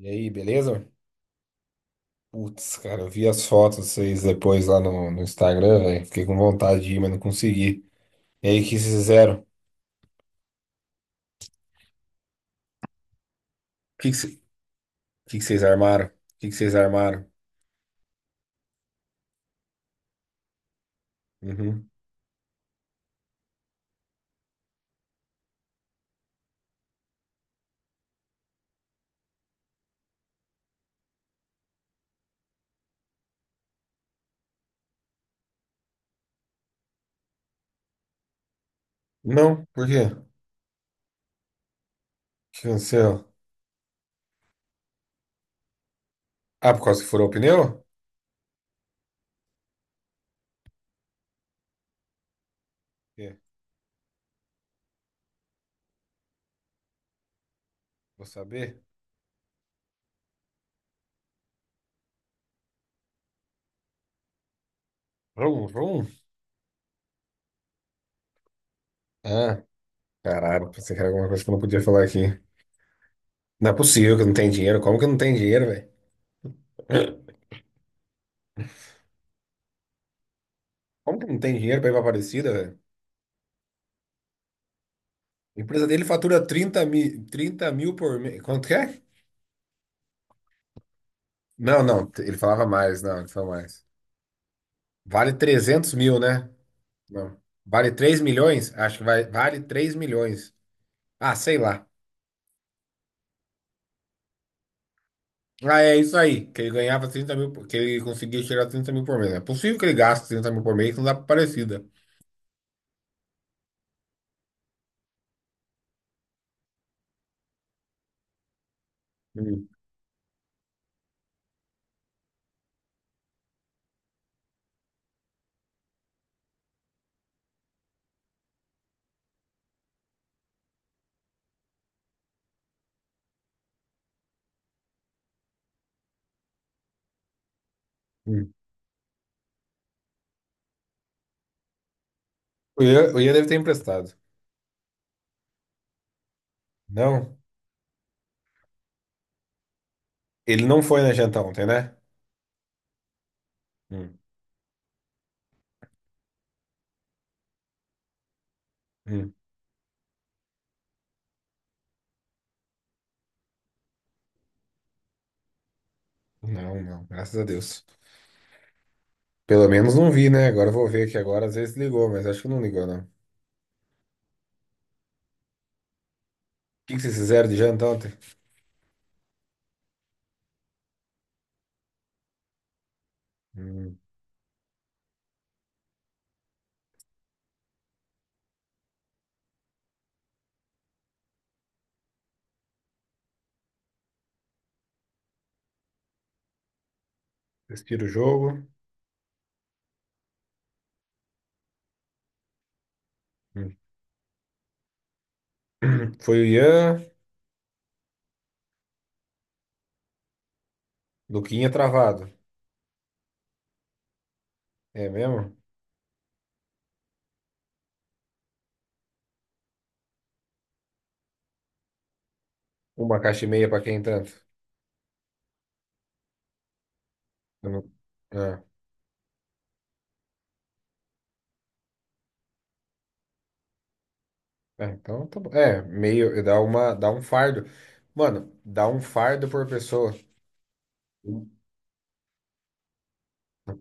E aí, beleza? Putz, cara, eu vi as fotos de vocês depois lá no Instagram, velho. Fiquei com vontade de ir, mas não consegui. E aí, o que vocês fizeram? Que, que, cê- o que que vocês armaram? O que, que vocês armaram? Uhum. Não, por quê? O que aconteceu? Ah, por causa que furou o pneu? Por quê? Vou saber. Vrum, vrum. Ah, caralho, pensei que era alguma coisa que eu não podia falar aqui. Não é possível que não tem dinheiro. Como que não tem dinheiro, velho? Como que não tem dinheiro pra ir pra Aparecida, velho? A empresa dele fatura 30 mil, 30 mil por mês. Quanto que é? Não, não, ele falava mais, não, ele falou mais. Vale 300 mil, né? Não. Vale 3 milhões? Acho que vale 3 milhões. Ah, sei lá. Ah, é isso aí, que ele ganhava 30 mil, que ele conseguia tirar 30 mil por mês. É possível que ele gaste 30 mil por mês, que não dá pra parecida. Hum, hum. O Ian deve ter emprestado. Não, ele não foi na janta ontem, né? Hum, hum. Não, não, graças a Deus. Pelo menos não vi, né? Agora eu vou ver aqui agora, às vezes ligou, mas acho que não ligou, não. O que que vocês fizeram de janta ontem? Hum. Respira o jogo. Hum. Foi o Ian, Luquinha travado. É mesmo? Uma caixa e meia pra quem tanto? Eu não- Ah, é, então tá bom. É, meio, dá um fardo. Mano, dá um fardo por pessoa.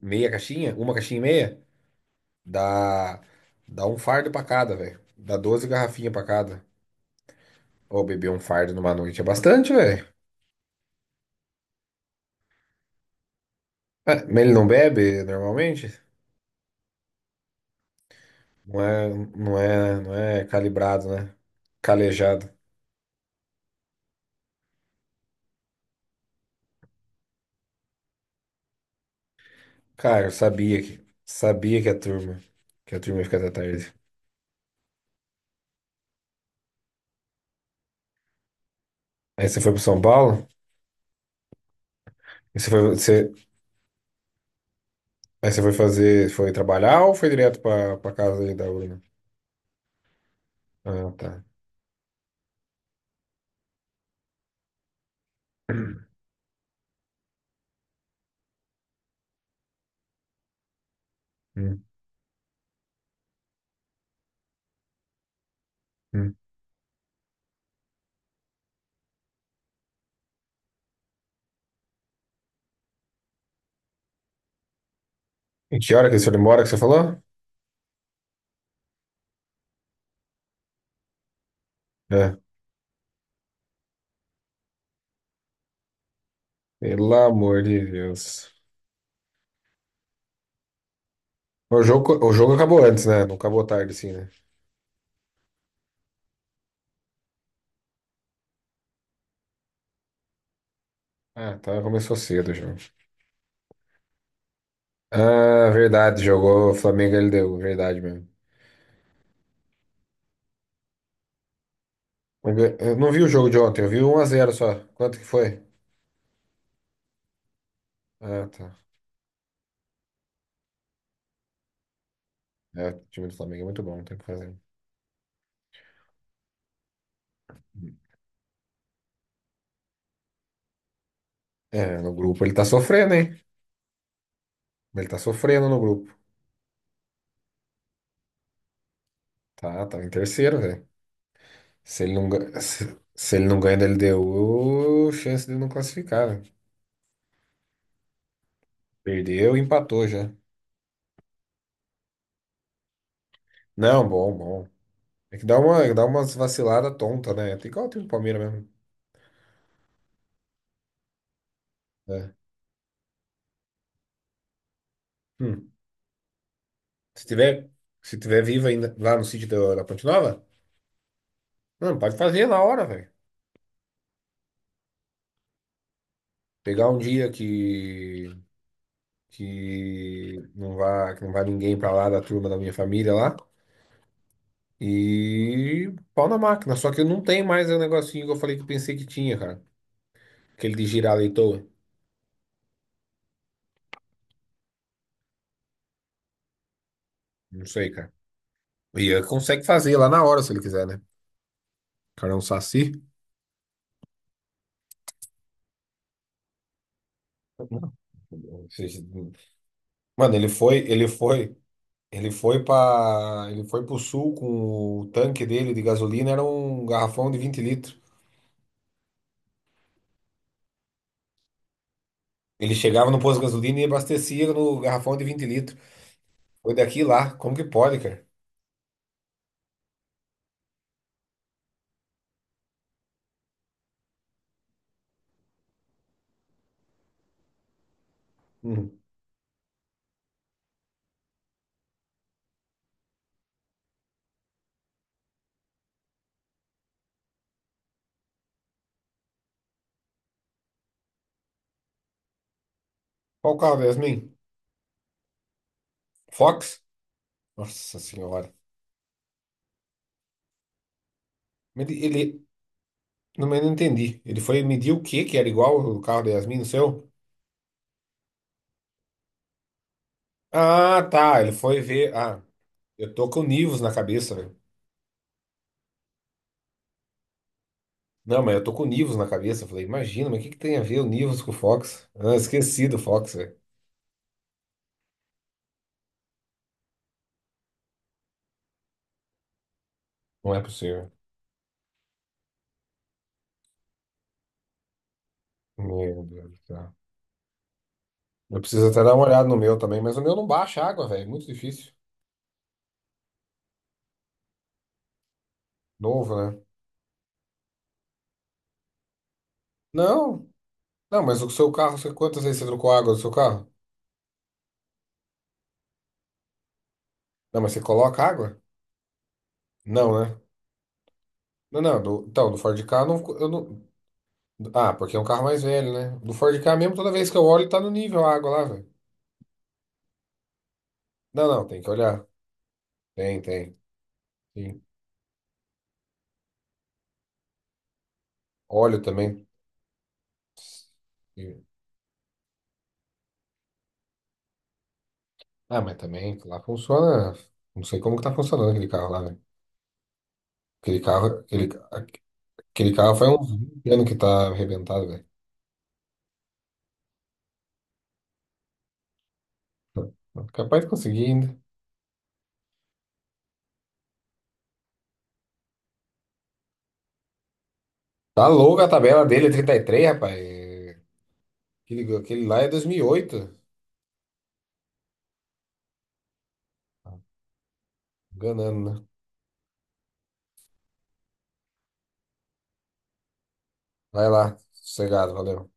Meia caixinha? Uma caixinha e meia? Dá, dá um fardo pra cada, velho. Dá 12 garrafinhas pra cada. Ô, beber um fardo numa noite é bastante, velho. É, mas ele não bebe normalmente? Não é, não é calibrado, né? Calejado. Cara, eu sabia que a turma ia ficar até tarde. Aí você foi pro São Paulo? Aí você foi, você, aí você foi fazer, foi trabalhar ou foi direto para casa aí da urna? Ah, tá. Hum, hum. E que hora que eles foram embora que você falou? É. Pelo amor de Deus. O jogo acabou antes, né? Não acabou tarde, assim, né? Ah, tá. Começou cedo o jogo. Ah, verdade. Jogou Flamengo e LDU. Verdade mesmo. Eu não vi o jogo de ontem. Eu vi 1-0 só. Quanto que foi? Ah, tá. É, o time do Flamengo é muito bom, não tem o que fazer. É, no grupo ele tá sofrendo, hein? Ele tá sofrendo no grupo. Tá, tá em terceiro, velho. Se ele não, ga- se, se ele não ganha da LDU, chance de não classificar, velho. Perdeu e empatou já. Não, bom, bom. É que dá umas vaciladas tonta, né? Tem igual o time do Palmeiras mesmo. É. Hum. Se tiver, se tiver vivo ainda lá no sítio da Ponte Nova, não, pode fazer na hora, velho. Pegar um dia que não vá ninguém pra lá da turma da minha família lá. E pau na máquina. Só que eu não tenho mais o negocinho que eu falei que eu pensei que tinha, cara. Aquele de girar a leitoa. Não sei, cara. E ele consegue fazer lá na hora, se ele quiser, né? O cara é um saci. Ou seja, mano, ele foi pro sul com o tanque dele de gasolina, era um garrafão de 20 litros. Ele chegava no posto de gasolina e abastecia no garrafão de 20 litros. Foi daqui lá. Como que pode, cara? Qual carro, é, Yasmin? Fox? Nossa senhora. Mas Ele, ele, não, mas eu não entendi. Ele foi medir o que que era igual o carro da Yasmin, no seu? Ah, tá. Ele foi ver. Ah, eu tô com o Nivus na cabeça, velho. Não, mas eu tô com o Nivus na cabeça. Eu falei, imagina, mas o que que tem a ver o Nivus com o Fox? Ah, esqueci do Fox, velho. Não é possível. Meu Deus do céu. Eu preciso até dar uma olhada no meu também, mas o meu não baixa água, velho. É muito difícil. Novo, né? Não, não, mas o seu carro, você, quantas vezes você trocou água do seu carro? Não, mas você coloca água? Não, né? Não, não, então, do Ford Ka eu não, eu não. Ah, porque é um carro mais velho, né? Do Ford Ka mesmo, toda vez que eu olho, tá no nível a água lá, velho. Não, não, tem que olhar. Tem, tem. Sim. Óleo também. E- Ah, mas também lá funciona. Não sei como que tá funcionando aquele carro lá, velho. Aquele carro, aquele, aquele carro faz uns 20 anos que tá arrebentado, velho. Capaz de conseguir ainda. Tá louca a tabela dele, é 33, rapaz. Aquele lá é 2008. Enganando, né? Vai lá, sossegado, valeu.